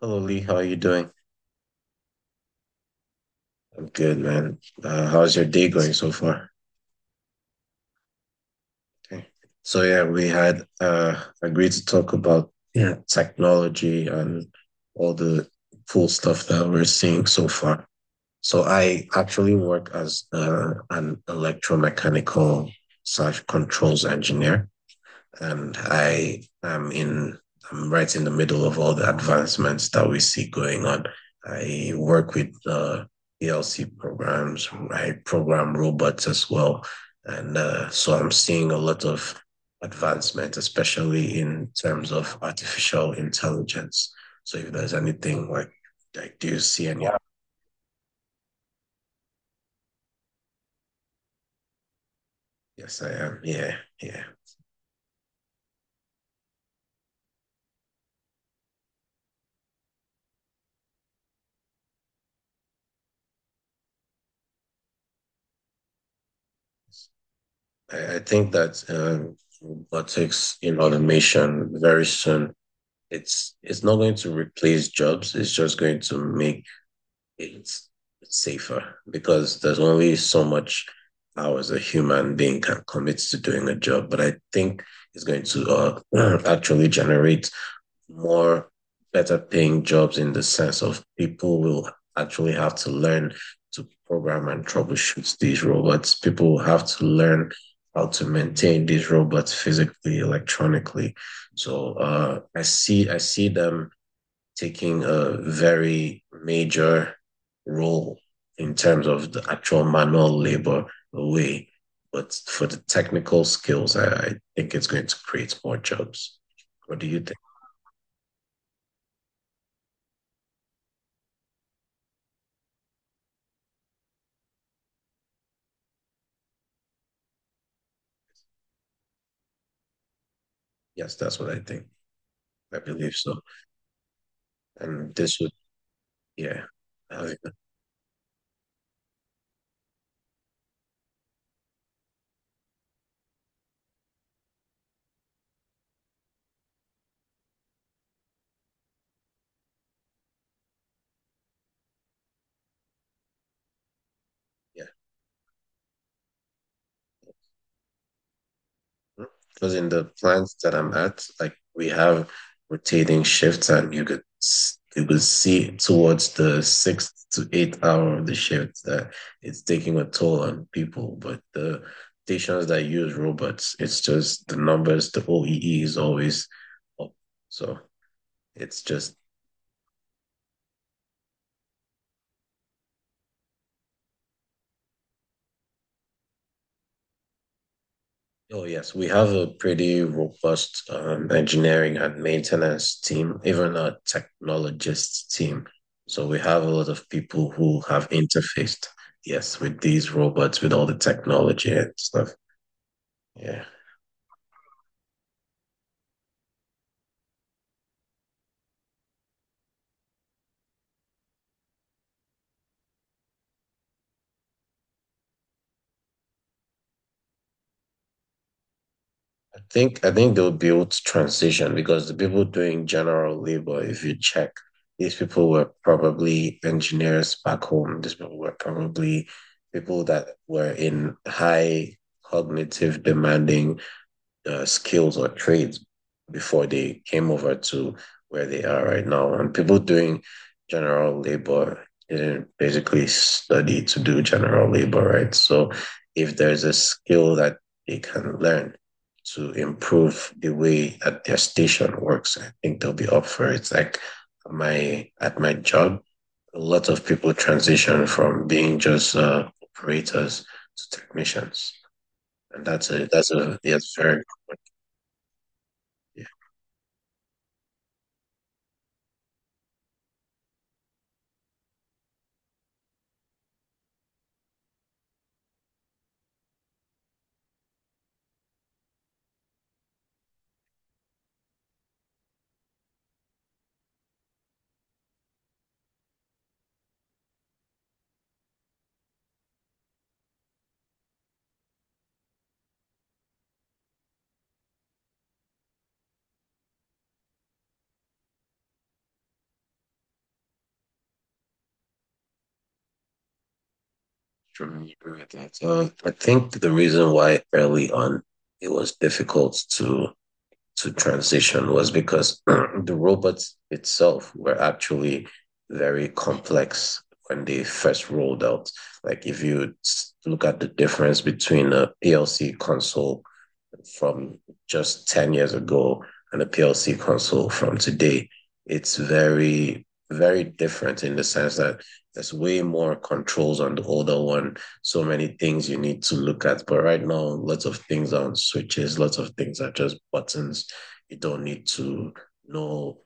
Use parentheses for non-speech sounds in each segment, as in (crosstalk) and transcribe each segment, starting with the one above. Hello Lee, how are you doing? I'm good, man. How's your day going so far? Okay. So yeah, we had agreed to talk about, yeah, technology and all the cool stuff that we're seeing so far. So I actually work as an electromechanical slash controls engineer. And I am in I'm right in the middle of all the advancements that we see going on. I work with ELC programs. I program robots as well, and so I'm seeing a lot of advancement, especially in terms of artificial intelligence. So if there's anything like, do you see any? Yeah. Yes, I am. Yeah, yeah. I think that robotics in automation very soon it's not going to replace jobs. It's just going to make it safer because there's only so much hours a human being can commit to doing a job. But I think it's going to (clears throat) actually generate more better paying jobs in the sense of people will actually have to learn to program and troubleshoot these robots. People will have to learn how to maintain these robots physically, electronically. So I see them taking a very major role in terms of the actual manual labor away. But for the technical skills, I think it's going to create more jobs. What do you think? Yes, that's what I think. I believe so. And this would, yeah. I- yeah. Because in the plants that I'm at, like, we have rotating shifts, and you could see towards the sixth to eighth hour of the shift that it's taking a toll on people. But the stations that use robots, it's just the numbers, the OEE is always up. So it's just. Oh, yes, we have a pretty robust engineering and maintenance team, even a technologist team. So we have a lot of people who have interfaced, yes, with these robots, with all the technology and stuff. Yeah, I think they'll be able to transition because the people doing general labor, if you check, these people were probably engineers back home. These people were probably people that were in high cognitive demanding skills or trades before they came over to where they are right now. And people doing general labor didn't basically study to do general labor, right? So if there's a skill that they can learn to improve the way that their station works, I think they'll be up for it. It's like my at my job, a lot of people transition from being just operators to technicians. And that's a yes, very good. Sure, I agree with that. I think the reason why early on it was difficult to transition was because (clears throat) the robots itself were actually very complex when they first rolled out. Like if look at the difference between a PLC console from just 10 years ago and a PLC console from today, it's very, very different in the sense that there's way more controls on the older one. So many things you need to look at. But right now, lots of things are on switches, lots of things are just buttons. You don't need to know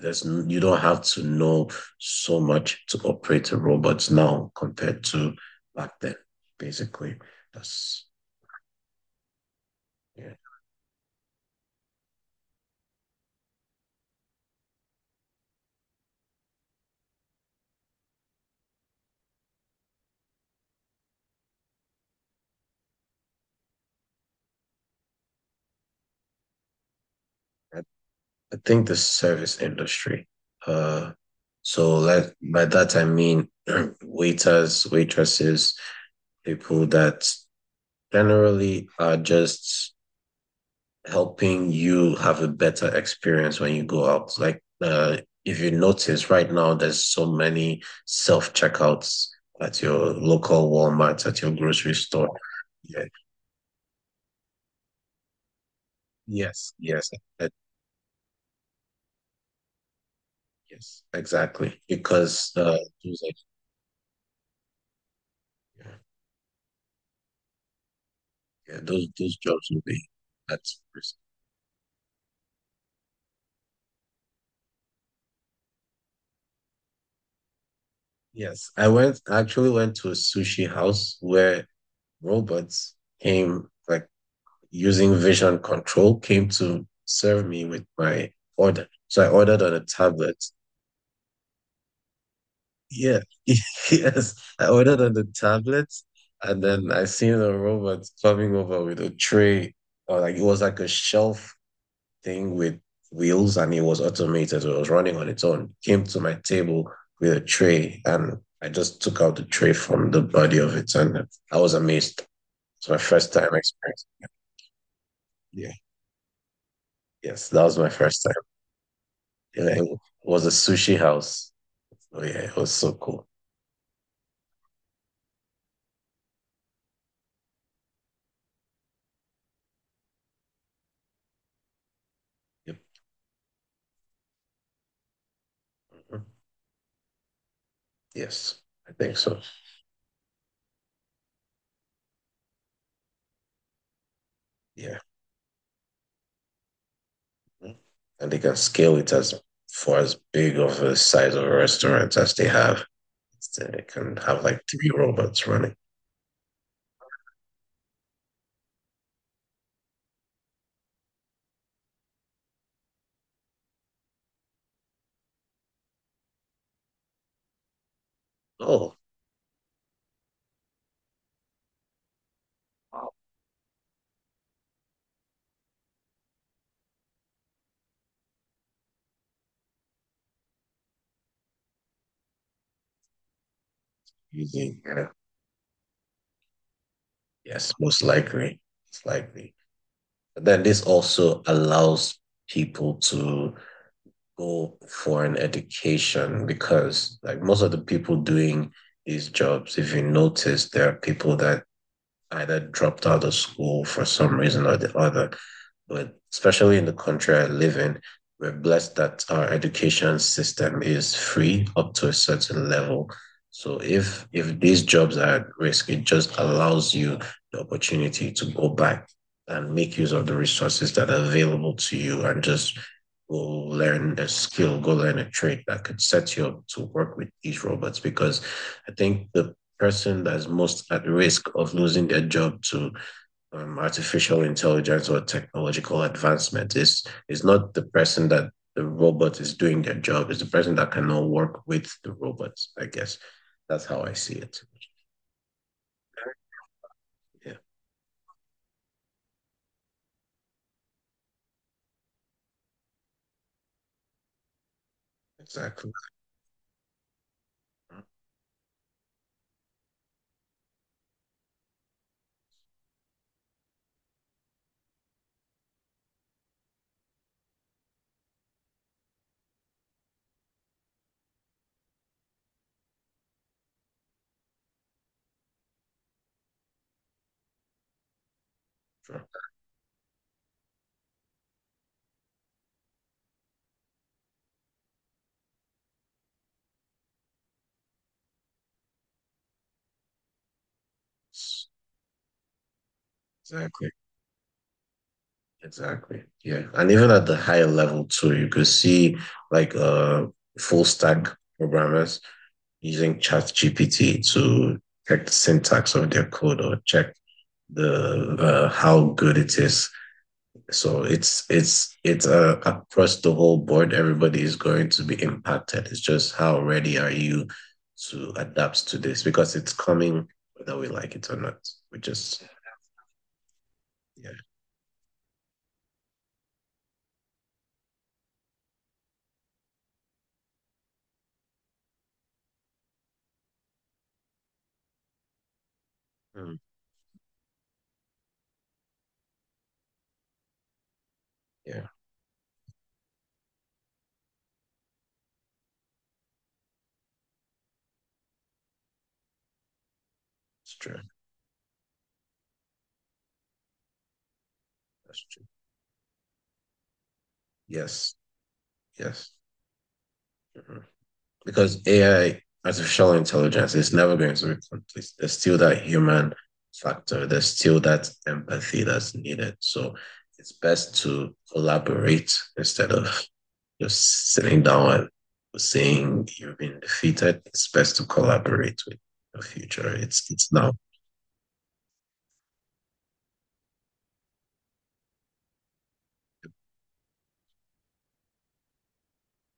you don't have to know so much to operate a robot now compared to back then, basically. That's yeah I I think the service industry. Uh, so like by that I mean (clears throat) waiters, waitresses, people that generally are just helping you have a better experience when you go out. Like, if you notice right now, there's so many self checkouts at your local Walmart, at your grocery store. Yeah. Yes. Yes. uh, yes. Exactly. Because those are Yeah, those jobs will be that's risky. Yes, I actually went to a sushi house where robots came, like, using vision control, came to serve me with my order. So I ordered on a tablet. Yeah. (laughs) Yes, I ordered on the tablet and then I seen a robot coming over with a tray, or like it was like a shelf thing with wheels, and it was automated. So it was running on its own. Came to my table with a tray and I just took out the tray from the body of it, and I was amazed. It's my first time experience. Yeah. Yes, that was my first time. Yeah, it was a sushi house. Oh yeah, it was so cool. Yep. Mhm. Yes, I think so. Yeah. Mhm. And they can scale it as for as big of a size of a restaurant as they have. So they can have like three robots running. Oh, using. Yeah. Yes, most likely. It's likely. But then this also allows people to go for an education because like most of the people doing these jobs, if you notice, there are people that either dropped out of school for some reason or the other. But especially in the country I live in, we're blessed that our education system is free up to a certain level. So if these jobs are at risk, it just allows you the opportunity to go back and make use of the resources that are available to you and just go learn a skill, go learn a trade that could set you up to work with these robots. Because I think the person that's most at risk of losing their job to artificial intelligence or technological advancement. It's not the person that the robot is doing their job, it's the person that cannot work with the robots, I guess. That's how I see it. Yeah, exactly. Exactly. Exactly. Yeah. And even at the higher level too, you could see like full stack programmers using ChatGPT to check the syntax of their code or check the how good it is. So it's across the whole board. Everybody is going to be impacted. It's just how ready are you to adapt to this because it's coming whether we like it or not. We just yeah mm, Yeah, it's true, that's true, yes, yes. Mhm. Because AI, artificial intelligence, is never going to be complete. There's still that human factor. There's still that empathy that's needed. So it's best to collaborate instead of just sitting down and seeing you've been defeated, it's best to collaborate with your future. It's now.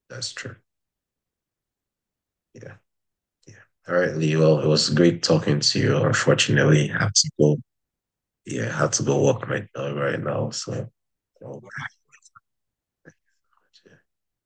That's true. Yeah. Yeah. All right, Lee. Well, it was great talking to you. Unfortunately, I have to go. Yeah, I have to go walk my dog right now. So. I'll-